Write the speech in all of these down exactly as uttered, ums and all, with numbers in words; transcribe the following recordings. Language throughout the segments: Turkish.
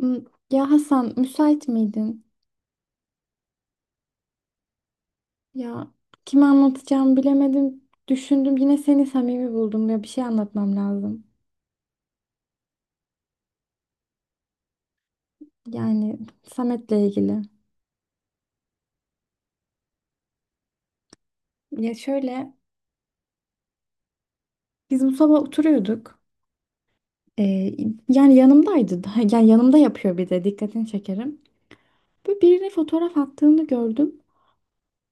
Hmm, ya Hasan, müsait miydin? Ya, kime anlatacağımı bilemedim. Düşündüm, yine seni samimi buldum, ya bir şey anlatmam lazım. Yani Samet'le ilgili. Ya şöyle, biz bu sabah oturuyorduk. Ee, yani yanımdaydı. Yani yanımda yapıyor bir de dikkatini çekerim. Böyle birine fotoğraf attığını gördüm.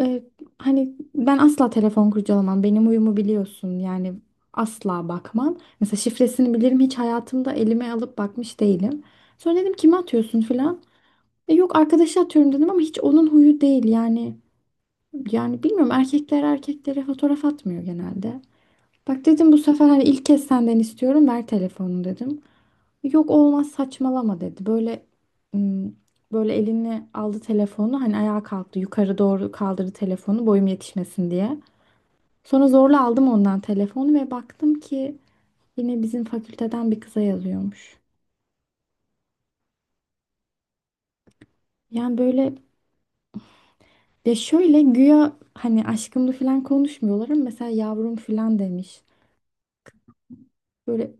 Ee, hani ben asla telefon kurcalamam. Benim huyumu biliyorsun. Yani asla bakmam. Mesela şifresini bilirim. Hiç hayatımda elime alıp bakmış değilim. Sonra dedim kime atıyorsun filan. E, yok arkadaşa atıyorum dedim ama hiç onun huyu değil. Yani yani bilmiyorum, erkekler erkeklere fotoğraf atmıyor genelde. Bak dedim, bu sefer hani ilk kez senden istiyorum, ver telefonu dedim. Yok olmaz saçmalama dedi. Böyle ım, böyle elini aldı telefonu, hani ayağa kalktı, yukarı doğru kaldırdı telefonu boyum yetişmesin diye. Sonra zorla aldım ondan telefonu ve baktım ki yine bizim fakülteden bir kıza yazıyormuş. Yani böyle, ya şöyle, güya hani aşkımdı falan konuşmuyorlar ama mesela yavrum falan demiş. Böyle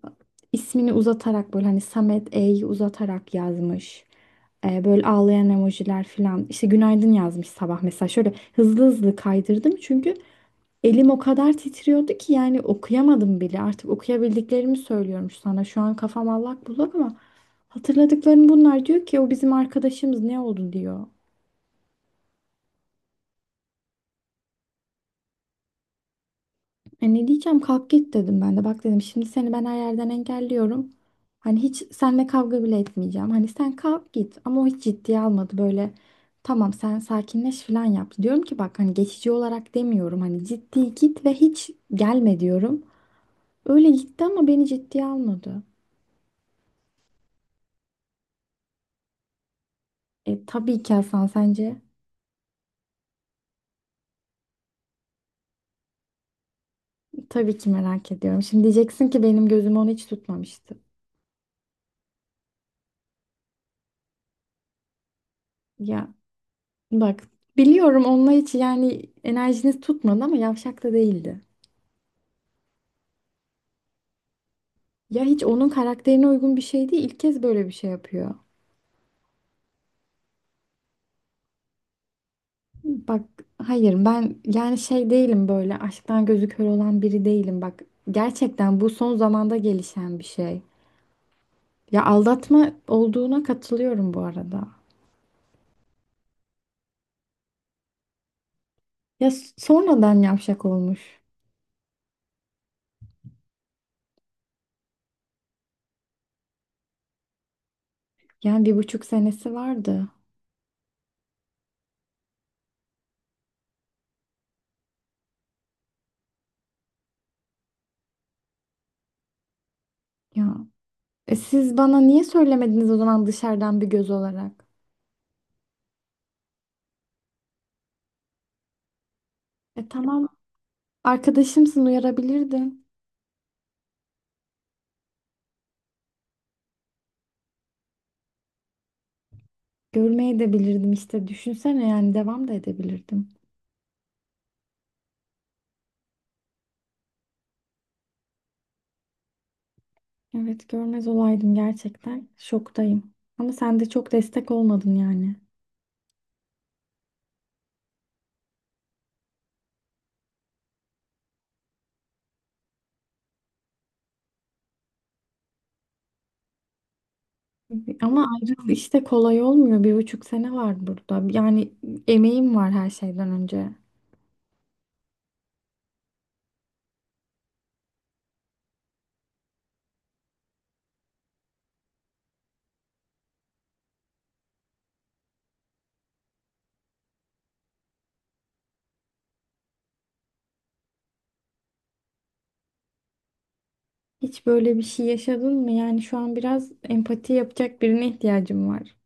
ismini uzatarak, böyle hani Samet E'yi uzatarak yazmış. Ee, böyle ağlayan emojiler falan. İşte günaydın yazmış sabah mesela. Şöyle hızlı hızlı kaydırdım çünkü elim o kadar titriyordu ki yani okuyamadım bile. Artık okuyabildiklerimi söylüyorum sana. Şu an kafam allak bullak ama hatırladıklarım bunlar. Diyor ki o bizim arkadaşımız, ne oldu diyor. E ne diyeceğim, kalk git dedim ben de. Bak dedim, şimdi seni ben her yerden engelliyorum. Hani hiç seninle kavga bile etmeyeceğim. Hani sen kalk git, ama o hiç ciddiye almadı böyle. Tamam sen sakinleş falan yaptı. Diyorum ki bak, hani geçici olarak demiyorum. Hani ciddi git ve hiç gelme diyorum. Öyle gitti ama beni ciddiye almadı. E tabii ki Hasan, sence? Tabii ki merak ediyorum. Şimdi diyeceksin ki benim gözüm onu hiç tutmamıştı. Ya bak, biliyorum onunla hiç, yani enerjiniz tutmadı ama yavşak da değildi. Ya hiç onun karakterine uygun bir şey değil. İlk kez böyle bir şey yapıyor. Bak hayır, ben yani şey değilim, böyle aşktan gözü kör olan biri değilim. Bak gerçekten bu son zamanda gelişen bir şey. Ya aldatma olduğuna katılıyorum bu arada. Ya s- sonradan yavşak olmuş. Yani bir buçuk senesi vardı. Ya e siz bana niye söylemediniz o zaman, dışarıdan bir göz olarak? E tamam, arkadaşımsın, uyarabilirdin. Görmeye de bilirdim işte, düşünsene, yani devam da edebilirdim. Evet, görmez olaydım gerçekten. Şoktayım. Ama sen de çok destek olmadın yani. Ama ayrılık işte kolay olmuyor. Bir buçuk sene var burada. Yani emeğim var her şeyden önce. Hiç böyle bir şey yaşadın mı? Yani şu an biraz empati yapacak birine ihtiyacım var.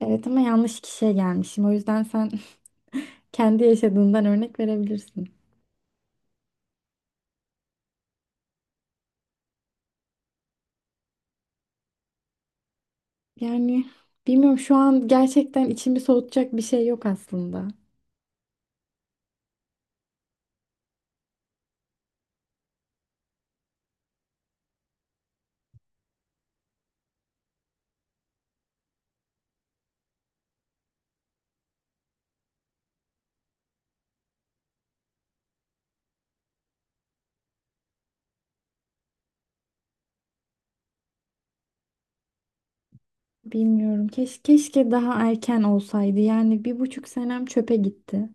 Evet, ama yanlış kişiye gelmişim. O yüzden sen kendi yaşadığından örnek verebilirsin. Yani bilmiyorum, şu an gerçekten içimi soğutacak bir şey yok aslında. Bilmiyorum. Keş, keşke daha erken olsaydı. Yani bir buçuk senem çöpe gitti.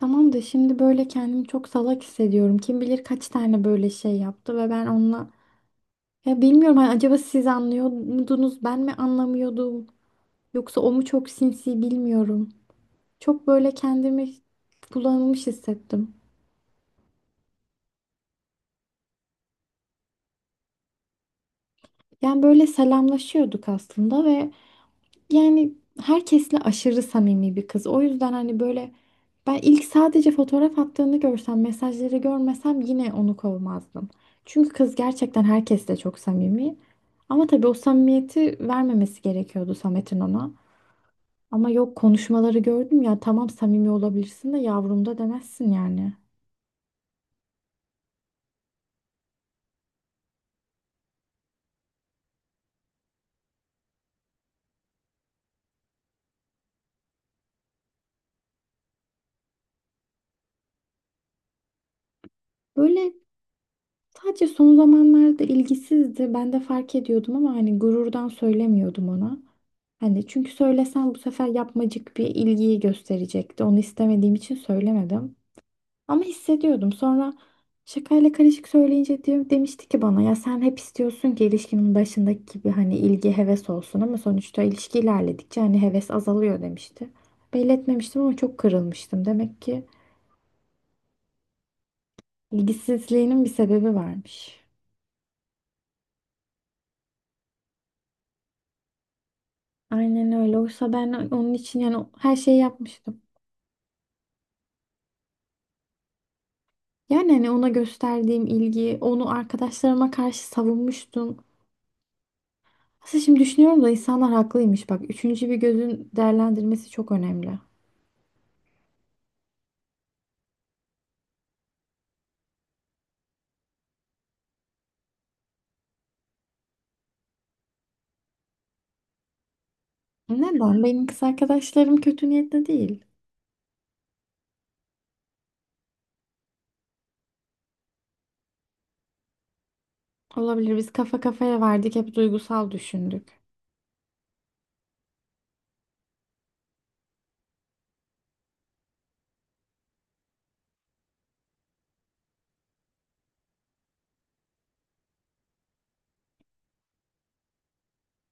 Tamam da şimdi böyle kendimi çok salak hissediyorum. Kim bilir kaç tane böyle şey yaptı ve ben onunla... Ya bilmiyorum, hani acaba siz anlıyor muydunuz? Ben mi anlamıyordum? Yoksa o mu çok sinsi, bilmiyorum. Çok böyle kendimi kullanılmış hissettim. Yani böyle selamlaşıyorduk aslında ve yani herkesle aşırı samimi bir kız. O yüzden hani böyle, ben ilk sadece fotoğraf attığını görsem, mesajları görmesem yine onu kovmazdım. Çünkü kız gerçekten herkesle çok samimi. Ama tabii o samimiyeti vermemesi gerekiyordu Samet'in ona. Ama yok, konuşmaları gördüm ya, tamam samimi olabilirsin de yavrum da demezsin yani. Böyle. Sadece son zamanlarda ilgisizdi. Ben de fark ediyordum ama hani gururdan söylemiyordum ona. Hani çünkü söylesem bu sefer yapmacık bir ilgiyi gösterecekti. Onu istemediğim için söylemedim. Ama hissediyordum. Sonra şakayla karışık söyleyince diyor, demişti ki bana, ya sen hep istiyorsun ki ilişkinin başındaki gibi hani ilgi, heves olsun ama sonuçta ilişki ilerledikçe hani heves azalıyor demişti. Belli etmemiştim ama çok kırılmıştım. Demek ki ilgisizliğinin bir sebebi varmış. Aynen öyle. Oysa ben onun için yani her şeyi yapmıştım. Yani hani ona gösterdiğim ilgi, onu arkadaşlarıma karşı savunmuştum. Aslında şimdi düşünüyorum da, insanlar haklıymış. Bak, üçüncü bir gözün değerlendirmesi çok önemli. Neden? Benim kız arkadaşlarım kötü niyetli değil. Olabilir, biz kafa kafaya verdik, hep duygusal düşündük.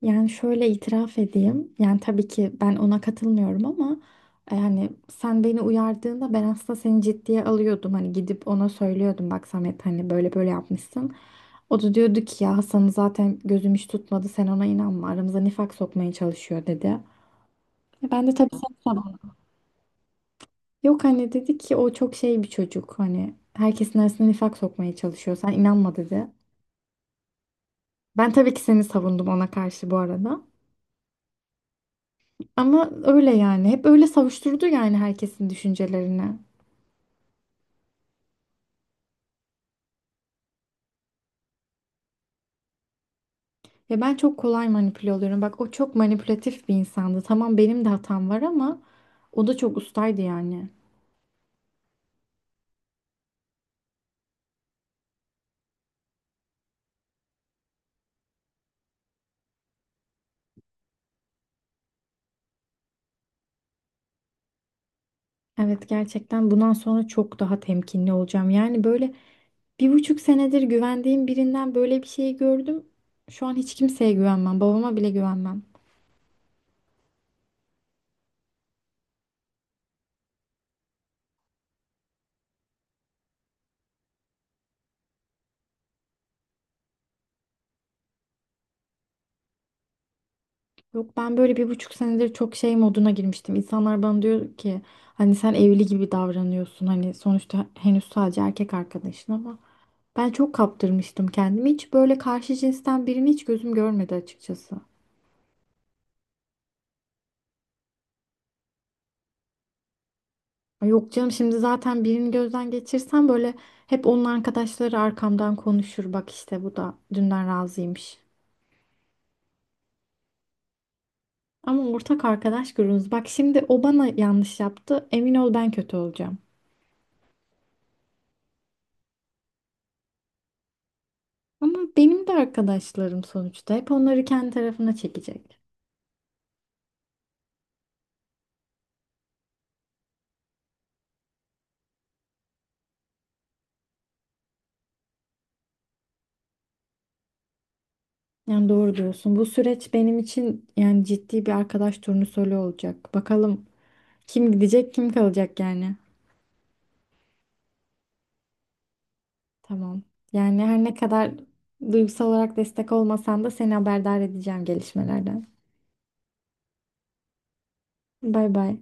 Yani şöyle itiraf edeyim. Yani tabii ki ben ona katılmıyorum ama e, yani sen beni uyardığında ben aslında seni ciddiye alıyordum. Hani gidip ona söylüyordum, bak Samet hani böyle böyle yapmışsın. O da diyordu ki ya Hasan'ı zaten gözüm hiç tutmadı, sen ona inanma, aramıza nifak sokmaya çalışıyor dedi. E ben de tabii seni savundum. Yok, hani dedi ki o çok şey bir çocuk, hani herkesin arasına nifak sokmaya çalışıyor, sen inanma dedi. Ben tabii ki seni savundum ona karşı bu arada. Ama öyle yani. Hep öyle savuşturdu yani herkesin düşüncelerini. Ya ben çok kolay manipüle oluyorum. Bak, o çok manipülatif bir insandı. Tamam benim de hatam var ama o da çok ustaydı yani. Evet, gerçekten bundan sonra çok daha temkinli olacağım. Yani böyle, bir buçuk senedir güvendiğim birinden böyle bir şey gördüm. Şu an hiç kimseye güvenmem. Babama bile güvenmem. Yok, ben böyle bir buçuk senedir çok şey moduna girmiştim. İnsanlar bana diyor ki hani sen evli gibi davranıyorsun. Hani sonuçta henüz sadece erkek arkadaşın ama. Ben çok kaptırmıştım kendimi. Hiç böyle karşı cinsten birini hiç gözüm görmedi açıkçası. Ay, yok canım, şimdi zaten birini gözden geçirsem böyle hep onun arkadaşları arkamdan konuşur. Bak işte, bu da dünden razıymış. Ama ortak arkadaş grubumuz. Bak şimdi o bana yanlış yaptı. Emin ol ben kötü olacağım. Ama benim de arkadaşlarım sonuçta. Hep onları kendi tarafına çekecek. Yani doğru diyorsun. Bu süreç benim için yani ciddi bir arkadaş turnusolu olacak. Bakalım kim gidecek, kim kalacak yani. Tamam. Yani her ne kadar duygusal olarak destek olmasan da seni haberdar edeceğim gelişmelerden. Bay bay.